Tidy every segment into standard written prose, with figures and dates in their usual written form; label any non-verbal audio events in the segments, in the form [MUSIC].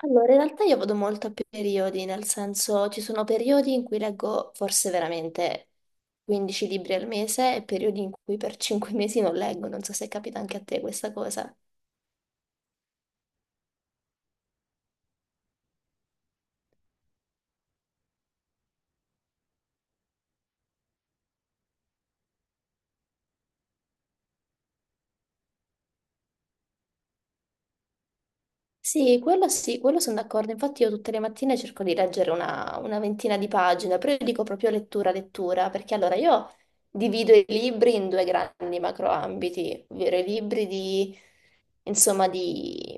Allora, in realtà io vado molto a periodi, nel senso ci sono periodi in cui leggo forse veramente 15 libri al mese e periodi in cui per 5 mesi non leggo, non so se capita anche a te questa cosa. Sì, quello sono d'accordo. Infatti io tutte le mattine cerco di leggere una ventina di pagine, però io dico proprio lettura, lettura, perché allora io divido i libri in due grandi macroambiti, ovvero i libri di, insomma, di,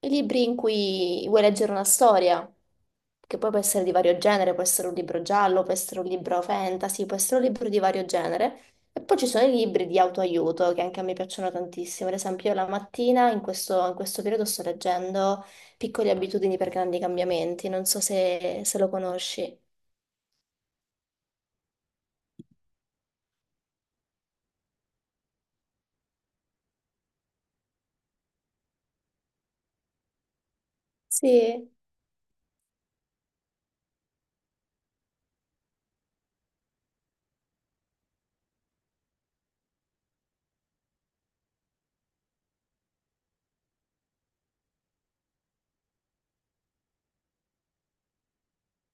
i libri in cui vuoi leggere una storia, che poi può essere di vario genere, può essere un libro giallo, può essere un libro fantasy, può essere un libro di vario genere. E poi ci sono i libri di autoaiuto che anche a me piacciono tantissimo. Ad esempio, io la mattina in questo periodo sto leggendo Piccole abitudini per grandi cambiamenti. Non so se lo conosci. Sì.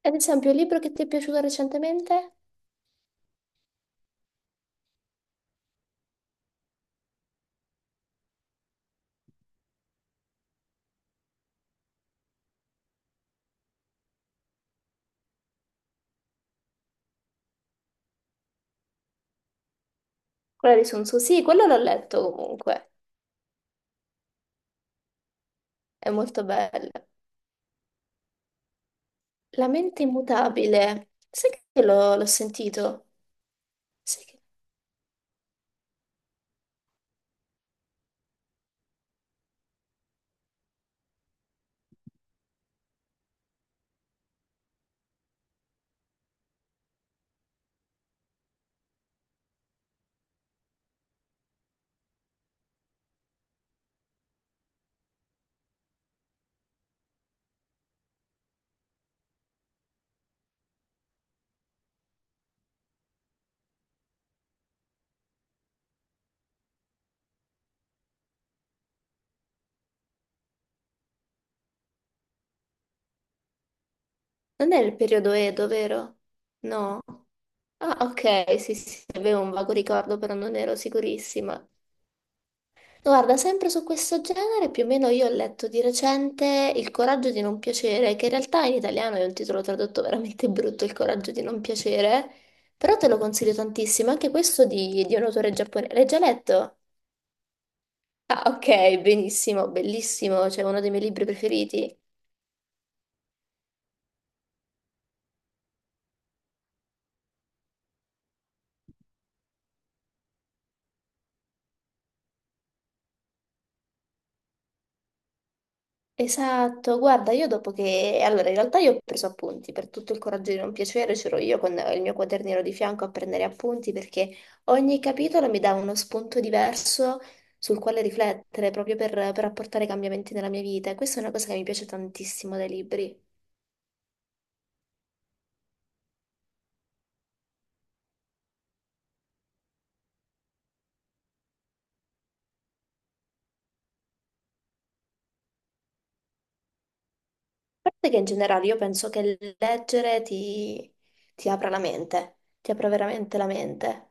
Ad esempio, il libro che ti è piaciuto recentemente? Quello di Sun Tzu. Sì, quello l'ho letto comunque. È molto bello. La mente immutabile. Sai che l'ho sentito? Sai che- Non è il periodo Edo, vero? No. Ah, ok, sì, sì, sì, avevo un vago ricordo, però non ero sicurissima. Guarda, sempre su questo genere, più o meno io ho letto di recente Il coraggio di non piacere, che in realtà in italiano è un titolo tradotto veramente brutto, Il coraggio di non piacere, però te lo consiglio tantissimo, anche questo di un autore giapponese. L'hai già letto? Ah, ok, benissimo, bellissimo, cioè uno dei miei libri preferiti. Esatto, guarda, io dopo che... Allora, in realtà io ho preso appunti, per tutto il coraggio di non piacere c'ero io con il mio quadernino di fianco a prendere appunti perché ogni capitolo mi dava uno spunto diverso sul quale riflettere, proprio per apportare cambiamenti nella mia vita. E questa è una cosa che mi piace tantissimo dai libri. A parte che in generale io penso che ti apra la mente, ti apra veramente la mente.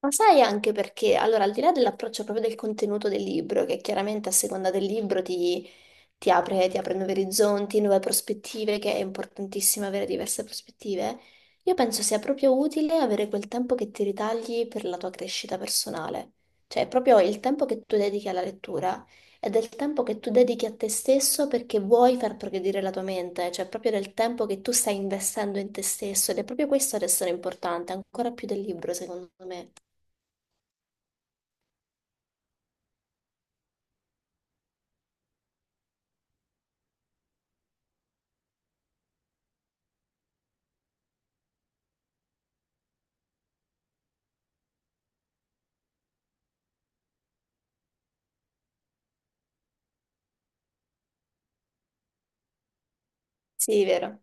Ma sai anche perché, allora, al di là dell'approccio proprio del contenuto del libro, che chiaramente a seconda del libro ti apre, ti apre nuovi orizzonti, nuove prospettive, che è importantissimo avere diverse prospettive. Io penso sia proprio utile avere quel tempo che ti ritagli per la tua crescita personale. Cioè, proprio il tempo che tu dedichi alla lettura è del tempo che tu dedichi a te stesso perché vuoi far progredire la tua mente, cioè proprio del tempo che tu stai investendo in te stesso ed è proprio questo ad essere importante, ancora più del libro, secondo me. Sì, vero.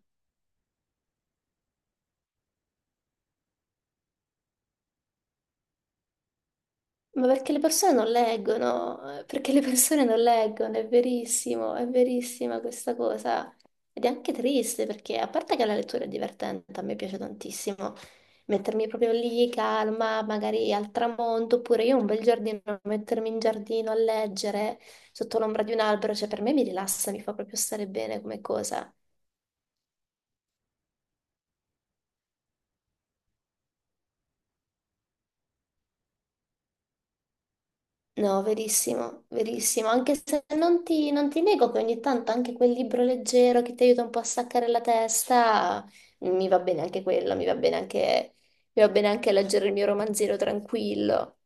Ma perché le persone non leggono, perché le persone non leggono, è verissimo, è verissima questa cosa. Ed è anche triste perché, a parte che la lettura è divertente, a me piace tantissimo, mettermi proprio lì calma, magari al tramonto, oppure io un bel giardino, mettermi in giardino a leggere sotto l'ombra di un albero, cioè per me mi rilassa, mi fa proprio stare bene come cosa. No, verissimo, verissimo. Anche se non ti nego che ogni tanto anche quel libro leggero che ti aiuta un po' a staccare la testa, mi va bene anche quello, mi va bene anche leggere il mio romanzino tranquillo.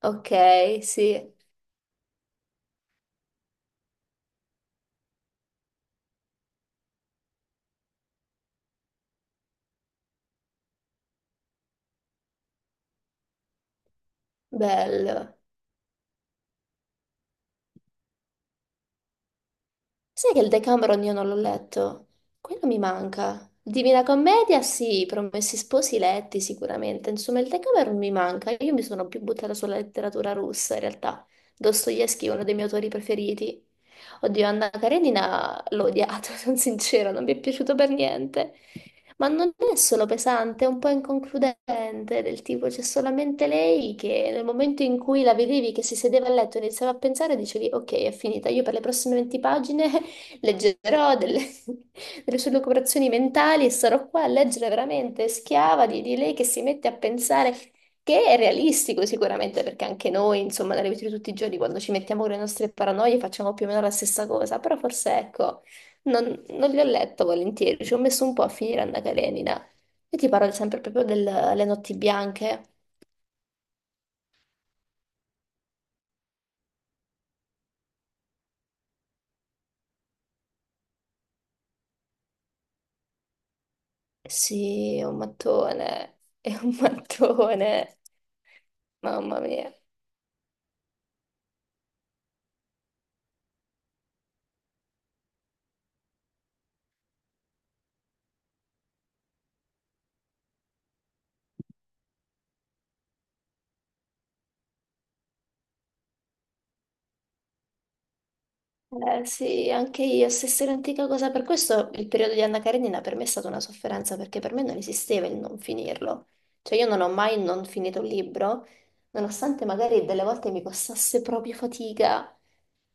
Ok, sì, bello. Sai che il Decameron io non l'ho letto? Quello mi manca. Divina Commedia, sì, Promessi Sposi letti sicuramente. Insomma, il Decameron mi manca. Io mi sono più buttata sulla letteratura russa, in realtà. Dostoevsky è uno dei miei autori preferiti. Oddio, Anna Karenina l'ho odiato, [LAUGHS] sono sincera, non mi è piaciuto per niente. Ma non è solo pesante, è un po' inconcludente, del tipo c'è solamente lei che nel momento in cui la vedevi che si sedeva a letto e iniziava a pensare, dicevi ok, è finita, io per le prossime 20 pagine [LAUGHS] leggerò delle, [LAUGHS] delle sue lucubrazioni mentali e sarò qua a leggere veramente schiava di lei che si mette a pensare. Che è realistico sicuramente, perché anche noi, insomma, nella vita di tutti i giorni, quando ci mettiamo con le nostre paranoie, facciamo più o meno la stessa cosa, però forse, ecco, non li ho letto volentieri, ci ho messo un po' a finire Anna Karenina. Io ti parlo sempre proprio delle notti bianche. Sì, è un mattone, è un [LAUGHS] mattone, mamma mia. Sì, anche io, stessa identica cosa. Per questo il periodo di Anna Karenina per me è stata una sofferenza, perché per me non esisteva il non finirlo. Cioè io non ho mai non finito un libro, nonostante magari delle volte mi costasse proprio fatica.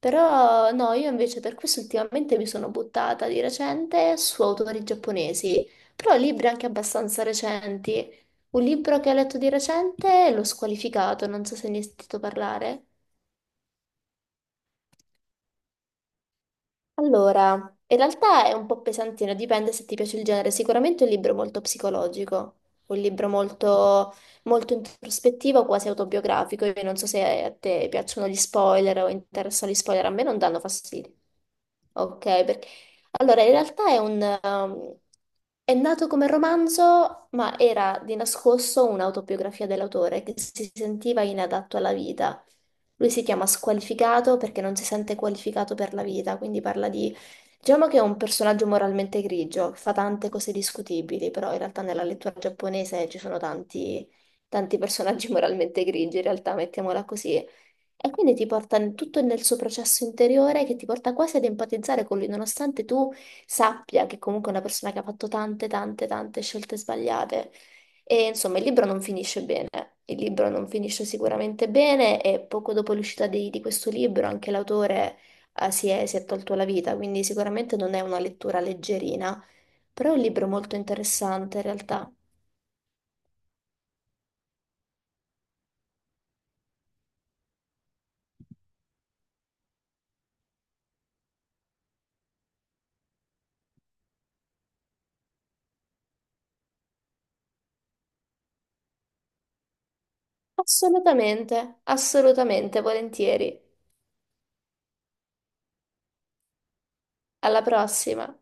Però no, io invece per questo ultimamente mi sono buttata di recente su autori giapponesi, però libri anche abbastanza recenti. Un libro che ho letto di recente, L'ho squalificato, non so se ne hai sentito parlare. Allora, in realtà è un po' pesantino, dipende se ti piace il genere. Sicuramente è un libro molto psicologico, un libro molto, molto introspettivo, quasi autobiografico. Io non so se a te piacciono gli spoiler o interessano gli spoiler, a me non danno fastidio. Ok, allora, in realtà è un, è nato come romanzo, ma era di nascosto un'autobiografia dell'autore che si sentiva inadatto alla vita. Lui si chiama squalificato perché non si sente qualificato per la vita, quindi parla di... Diciamo che è un personaggio moralmente grigio, che fa tante cose discutibili, però in realtà nella lettura giapponese ci sono tanti, tanti personaggi [LAUGHS] moralmente grigi, in realtà, mettiamola così. E quindi tutto nel suo processo interiore che ti porta quasi ad empatizzare con lui, nonostante tu sappia che comunque è una persona che ha fatto tante, tante, tante scelte sbagliate. E insomma, il libro non finisce bene. Il libro non finisce sicuramente bene e poco dopo l'uscita di questo libro anche l'autore, si è tolto la vita, quindi sicuramente non è una lettura leggerina, però è un libro molto interessante in realtà. Assolutamente, assolutamente, volentieri. Alla prossima.